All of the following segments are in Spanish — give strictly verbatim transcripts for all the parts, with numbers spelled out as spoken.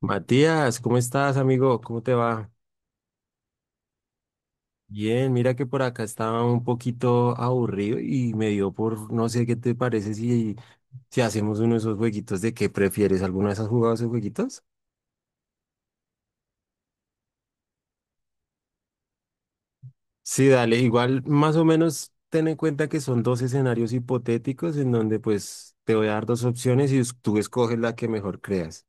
Matías, ¿cómo estás, amigo? ¿Cómo te va? Bien, mira que por acá estaba un poquito aburrido y me dio por, no sé qué te parece si, si hacemos uno de esos jueguitos de qué prefieres. ¿Alguna vez has jugado esos jueguitos? Sí, dale, igual más o menos ten en cuenta que son dos escenarios hipotéticos en donde pues te voy a dar dos opciones y us- tú escoges la que mejor creas.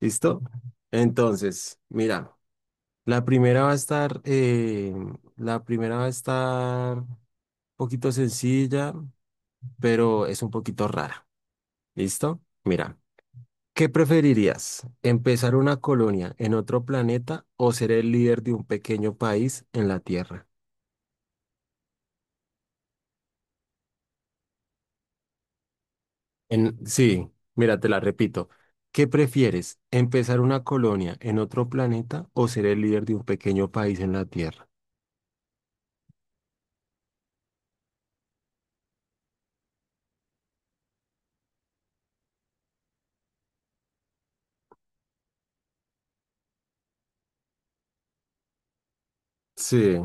¿Listo? Entonces, mira, la primera va a estar, eh, la primera va a estar un poquito sencilla, pero es un poquito rara. ¿Listo? Mira, ¿qué preferirías? ¿Empezar una colonia en otro planeta o ser el líder de un pequeño país en la Tierra? En, sí, mira, te la repito. ¿Qué prefieres? ¿Empezar una colonia en otro planeta o ser el líder de un pequeño país en la Tierra? Sí.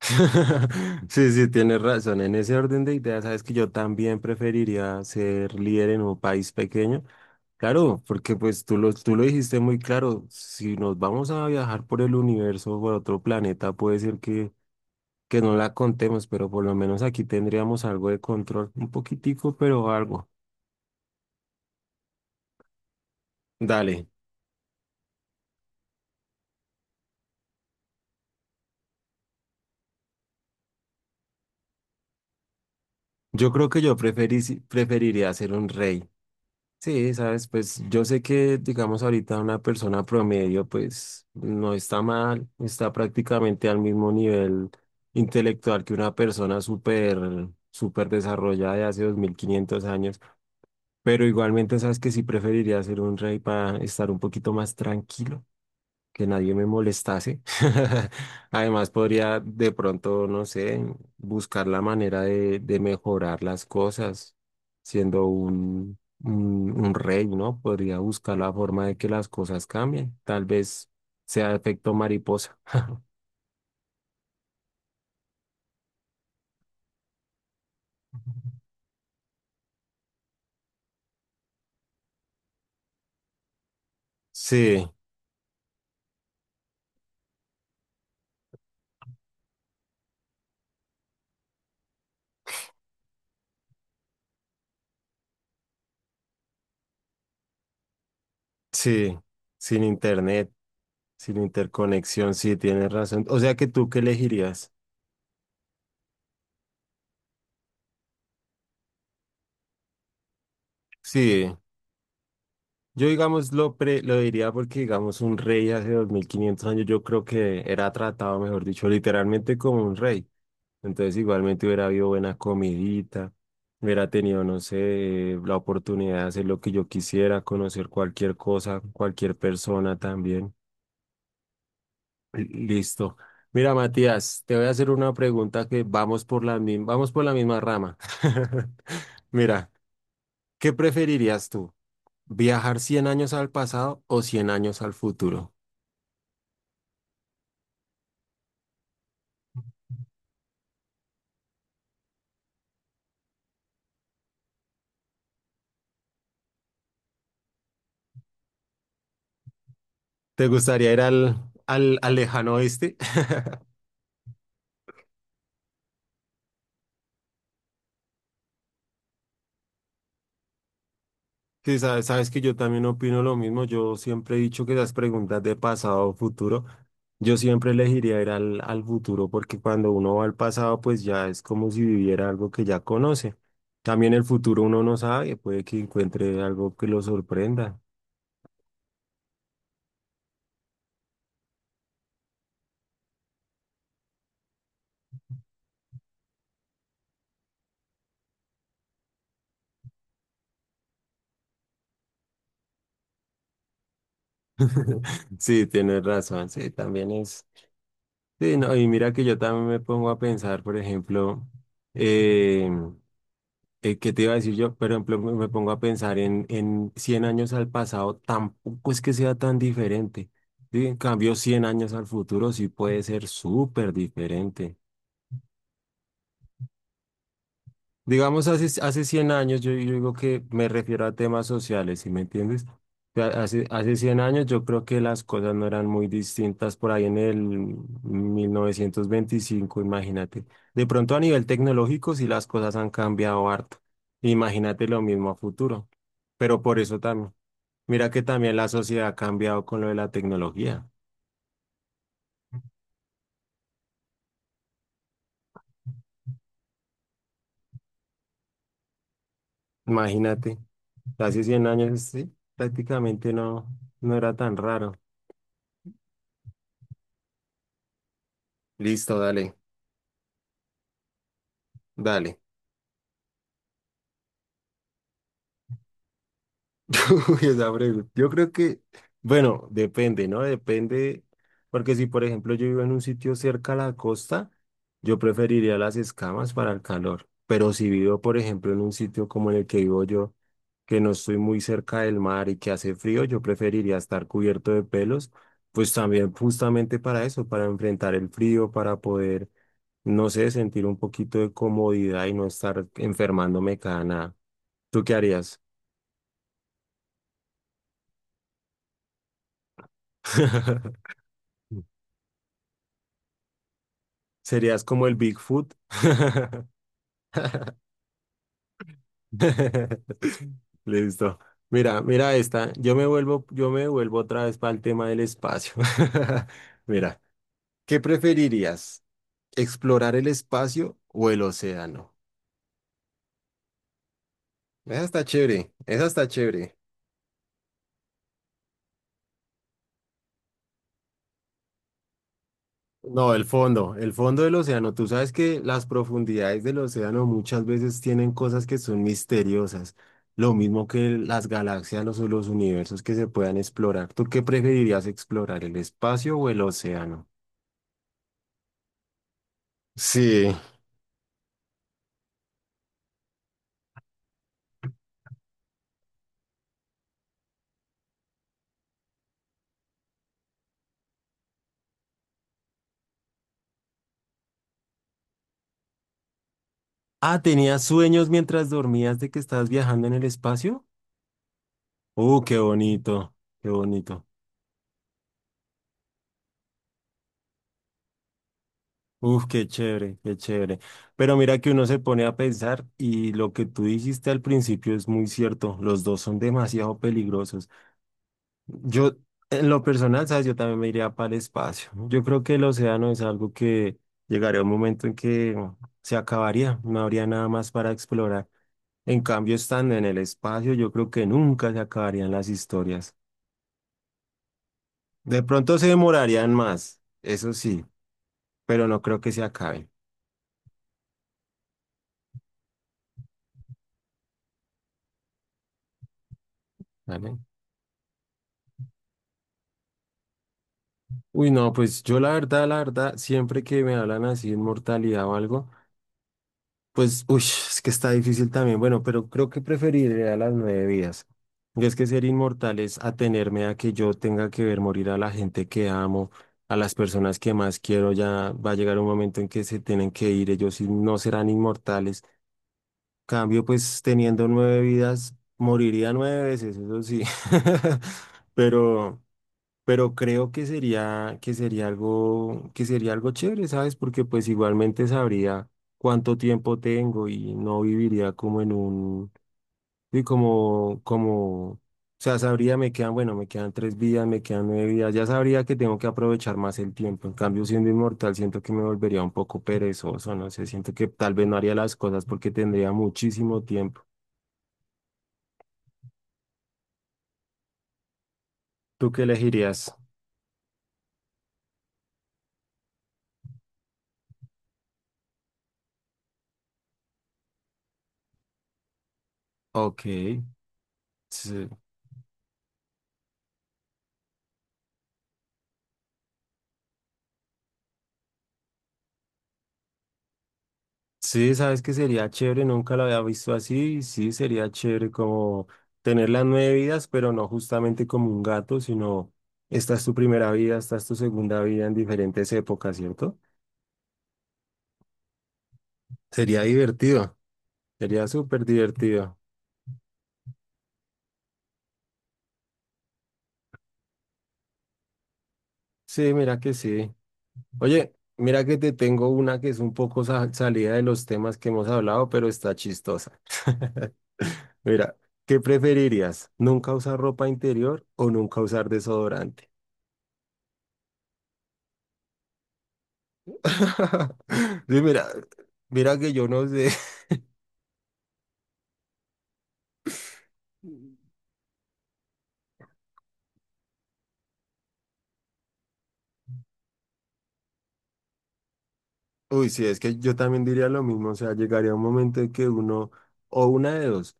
Sí, sí, tienes razón. En ese orden de ideas, sabes que yo también preferiría ser líder en un país pequeño. Claro, porque pues tú lo, tú lo dijiste muy claro, si nos vamos a viajar por el universo o por otro planeta, puede ser que, que no la contemos, pero por lo menos aquí tendríamos algo de control, un poquitico, pero algo. Dale, yo creo que yo preferí- preferiría ser un rey. Sí, sabes, pues yo sé que, digamos, ahorita una persona promedio, pues no está mal, está prácticamente al mismo nivel intelectual que una persona súper, súper desarrollada de hace dos mil quinientos años, pero igualmente sabes que sí preferiría ser un rey para estar un poquito más tranquilo que nadie me molestase. Además, podría de pronto, no sé, buscar la manera de, de mejorar las cosas, siendo un, un, un rey, ¿no? Podría buscar la forma de que las cosas cambien. Tal vez sea efecto mariposa. Sí, sí, sin internet, sin interconexión, sí, tienes razón. O sea que tú, ¿qué elegirías? Sí. Yo, digamos, lo, pre- lo diría porque, digamos, un rey hace dos mil quinientos años yo creo que era tratado, mejor dicho, literalmente como un rey. Entonces, igualmente hubiera habido buena comidita, hubiera tenido, no sé, la oportunidad de hacer lo que yo quisiera, conocer cualquier cosa, cualquier persona también. Listo. Mira, Matías, te voy a hacer una pregunta que vamos por la, mi- vamos por la misma rama. Mira, ¿qué preferirías tú? ¿Viajar cien años al pasado o cien años al futuro? ¿Te gustaría ir al, al, al lejano oeste? Sí, sabes, sabes que yo también opino lo mismo. Yo siempre he dicho que las preguntas de pasado o futuro, yo siempre elegiría ir al, al futuro porque cuando uno va al pasado, pues ya es como si viviera algo que ya conoce. También el futuro uno no sabe, puede que encuentre algo que lo sorprenda. Sí, tienes razón, sí, también es. Sí, no, y mira que yo también me pongo a pensar, por ejemplo, eh, eh, ¿qué te iba a decir yo? Por ejemplo, me me pongo a pensar en, en cien años al pasado, tampoco es que sea tan diferente. ¿Sí? En cambio, cien años al futuro sí puede ser súper diferente. Digamos, hace, hace cien años, yo, yo digo que me refiero a temas sociales, ¿sí me entiendes? O sea, Hace, hace cien años yo creo que las cosas no eran muy distintas por ahí en el mil novecientos veinticinco, imagínate. De pronto a nivel tecnológico sí las cosas han cambiado harto. Imagínate lo mismo a futuro. Pero por eso también, mira que también la sociedad ha cambiado con lo de la tecnología. Imagínate, hace cien años sí, prácticamente no, no era tan raro. Listo, dale, dale. Uy, esa pregunta. Yo creo que, bueno, depende, ¿no? Depende, porque si por ejemplo yo vivo en un sitio cerca a la costa, yo preferiría las escamas para el calor. Pero si vivo, por ejemplo, en un sitio como en el que vivo yo, que no estoy muy cerca del mar y que hace frío, yo preferiría estar cubierto de pelos, pues también justamente para eso, para enfrentar el frío, para poder, no sé, sentir un poquito de comodidad y no estar enfermándome cada nada. ¿Tú qué harías? Serías como el Bigfoot. Listo. Mira, mira esta. Yo me vuelvo, yo me vuelvo otra vez para el tema del espacio. Mira, ¿qué preferirías? ¿Explorar el espacio o el océano? Esa está chévere, esa está chévere. No, el fondo, el fondo del océano. Tú sabes que las profundidades del océano muchas veces tienen cosas que son misteriosas, lo mismo que las galaxias los- o los universos que se puedan explorar. ¿Tú qué preferirías explorar, el espacio o el océano? Sí. Ah, ¿tenías sueños mientras dormías de que estabas viajando en el espacio? Uh, qué bonito, qué bonito. Uf, qué chévere, qué chévere. Pero mira que uno se pone a pensar y lo que tú dijiste al principio es muy cierto. Los dos son demasiado peligrosos. Yo, en lo personal, sabes, yo también me iría para el espacio. Yo creo que el océano es algo que llegaría un momento en que se acabaría. No habría nada más para explorar. En cambio, estando en el espacio, yo creo que nunca se acabarían las historias. De pronto se demorarían más, eso sí, pero no creo que se acaben. ¿Vale? Uy, no, pues yo la verdad, la verdad, siempre que me hablan así de inmortalidad o algo, pues, uy, es que está difícil también. Bueno, pero creo que preferiría las nueve vidas. Y es que ser inmortal es atenerme a que yo tenga que ver morir a la gente que amo, a las personas que más quiero. Ya va a llegar un momento en que se tienen que ir, ellos sí no serán inmortales. Cambio, pues teniendo nueve vidas, moriría nueve veces, eso sí. Pero pero creo que sería, que sería algo, que sería algo chévere, ¿sabes? Porque pues igualmente sabría cuánto tiempo tengo y no viviría como en un, y como, como, o sea, sabría, me quedan, bueno, me quedan tres vidas, me quedan nueve vidas, ya sabría que tengo que aprovechar más el tiempo. En cambio, siendo inmortal, siento que me volvería un poco perezoso, no sé, siento que tal vez no haría las cosas porque tendría muchísimo tiempo. ¿Tú qué elegirías? Ok, sí. Sí, sabes que sería chévere, nunca lo había visto así, sí, sería chévere como tener las nueve vidas, pero no justamente como un gato, sino esta es tu primera vida, esta es tu segunda vida en diferentes épocas, ¿cierto? Sería divertido, sería súper divertido. Sí, mira que sí. Oye, mira que te tengo una que es un poco sa- salida de los temas que hemos hablado, pero está chistosa. Mira, ¿qué preferirías? ¿Nunca usar ropa interior o nunca usar desodorante? Sí, mira, mira que yo no sé. Uy, sí, es que yo también diría lo mismo. O sea, llegaría un momento en que uno, o una de dos.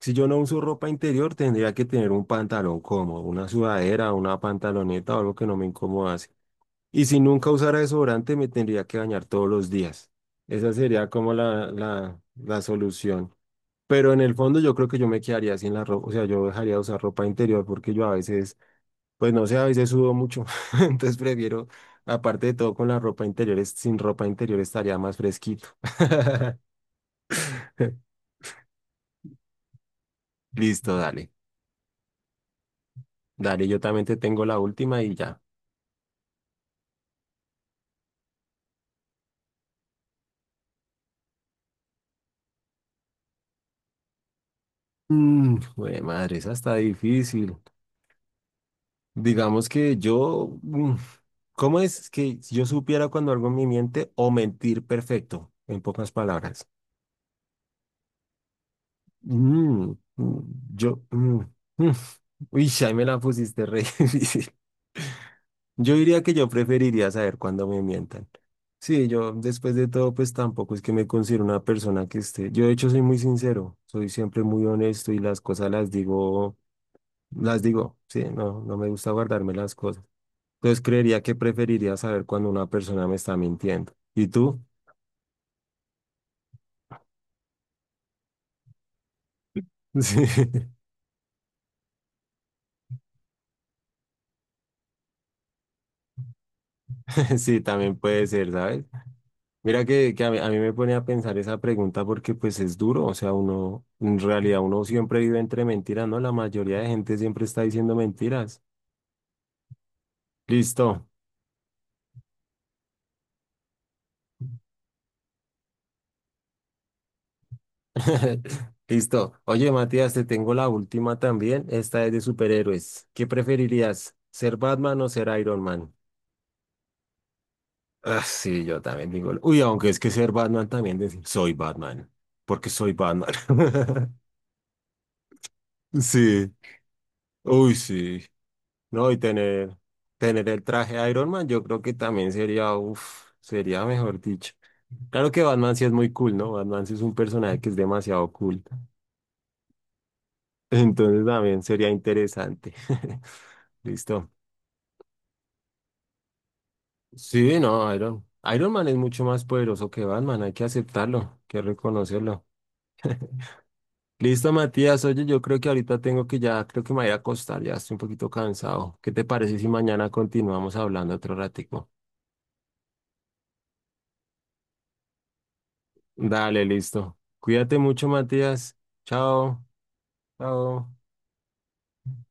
Si yo no uso ropa interior, tendría que tener un pantalón cómodo, una sudadera, una pantaloneta o algo que no me incomodase. Y si nunca usara desodorante, me tendría que bañar todos los días. Esa sería como la, la, la solución. Pero en el fondo yo creo que yo me quedaría sin la ropa, o sea, yo dejaría de usar ropa interior porque yo a veces pues no sé, a veces sudo mucho, entonces prefiero, aparte de todo, con la ropa interior, es- sin ropa interior estaría más fresquito. Listo, dale, dale, yo también te tengo la última y ya. Mm, jue madre, esa está difícil. Digamos que yo, mm, ¿cómo es que yo supiera cuando algo me miente o mentir perfecto, en pocas palabras? Mm, mm, yo, mm, mm. Uy, ahí me la pusiste re difícil. Yo diría que yo preferiría saber cuándo me mientan. Sí, yo después de todo, pues tampoco es que me considero una persona que esté. Yo de hecho soy muy sincero, soy siempre muy honesto y las cosas las digo, las digo, sí, no, no me gusta guardarme las cosas. Entonces creería que preferiría saber cuando una persona me está mintiendo. ¿Y tú? Sí, sí, también puede ser, ¿sabes? Mira que, que a mí, a mí me pone a pensar esa pregunta porque pues es duro, o sea, uno, en realidad uno siempre vive entre mentiras, ¿no? La mayoría de gente siempre está diciendo mentiras. Listo, listo. Oye, Matías, te tengo la última también, esta es de superhéroes. ¿Qué preferirías, ser Batman o ser Iron Man? Ah, sí, yo también digo, lo- uy, aunque es que ser Batman también decir, soy Batman, porque soy Batman. Sí, uy, sí. No, y tener, tener el traje Iron Man, yo creo que también sería, uff, sería mejor dicho. Claro que Batman sí es muy cool, ¿no? Batman sí es un personaje que es demasiado cool. Entonces también sería interesante. Listo. Sí, no, Iron, Iron Man es mucho más poderoso que Batman, hay que aceptarlo, hay que reconocerlo. Listo, Matías, oye, yo creo que ahorita tengo que ya, creo que me voy a acostar, ya estoy un poquito cansado. ¿Qué te parece si mañana continuamos hablando otro ratico? Dale, listo. Cuídate mucho, Matías. Chao, chao.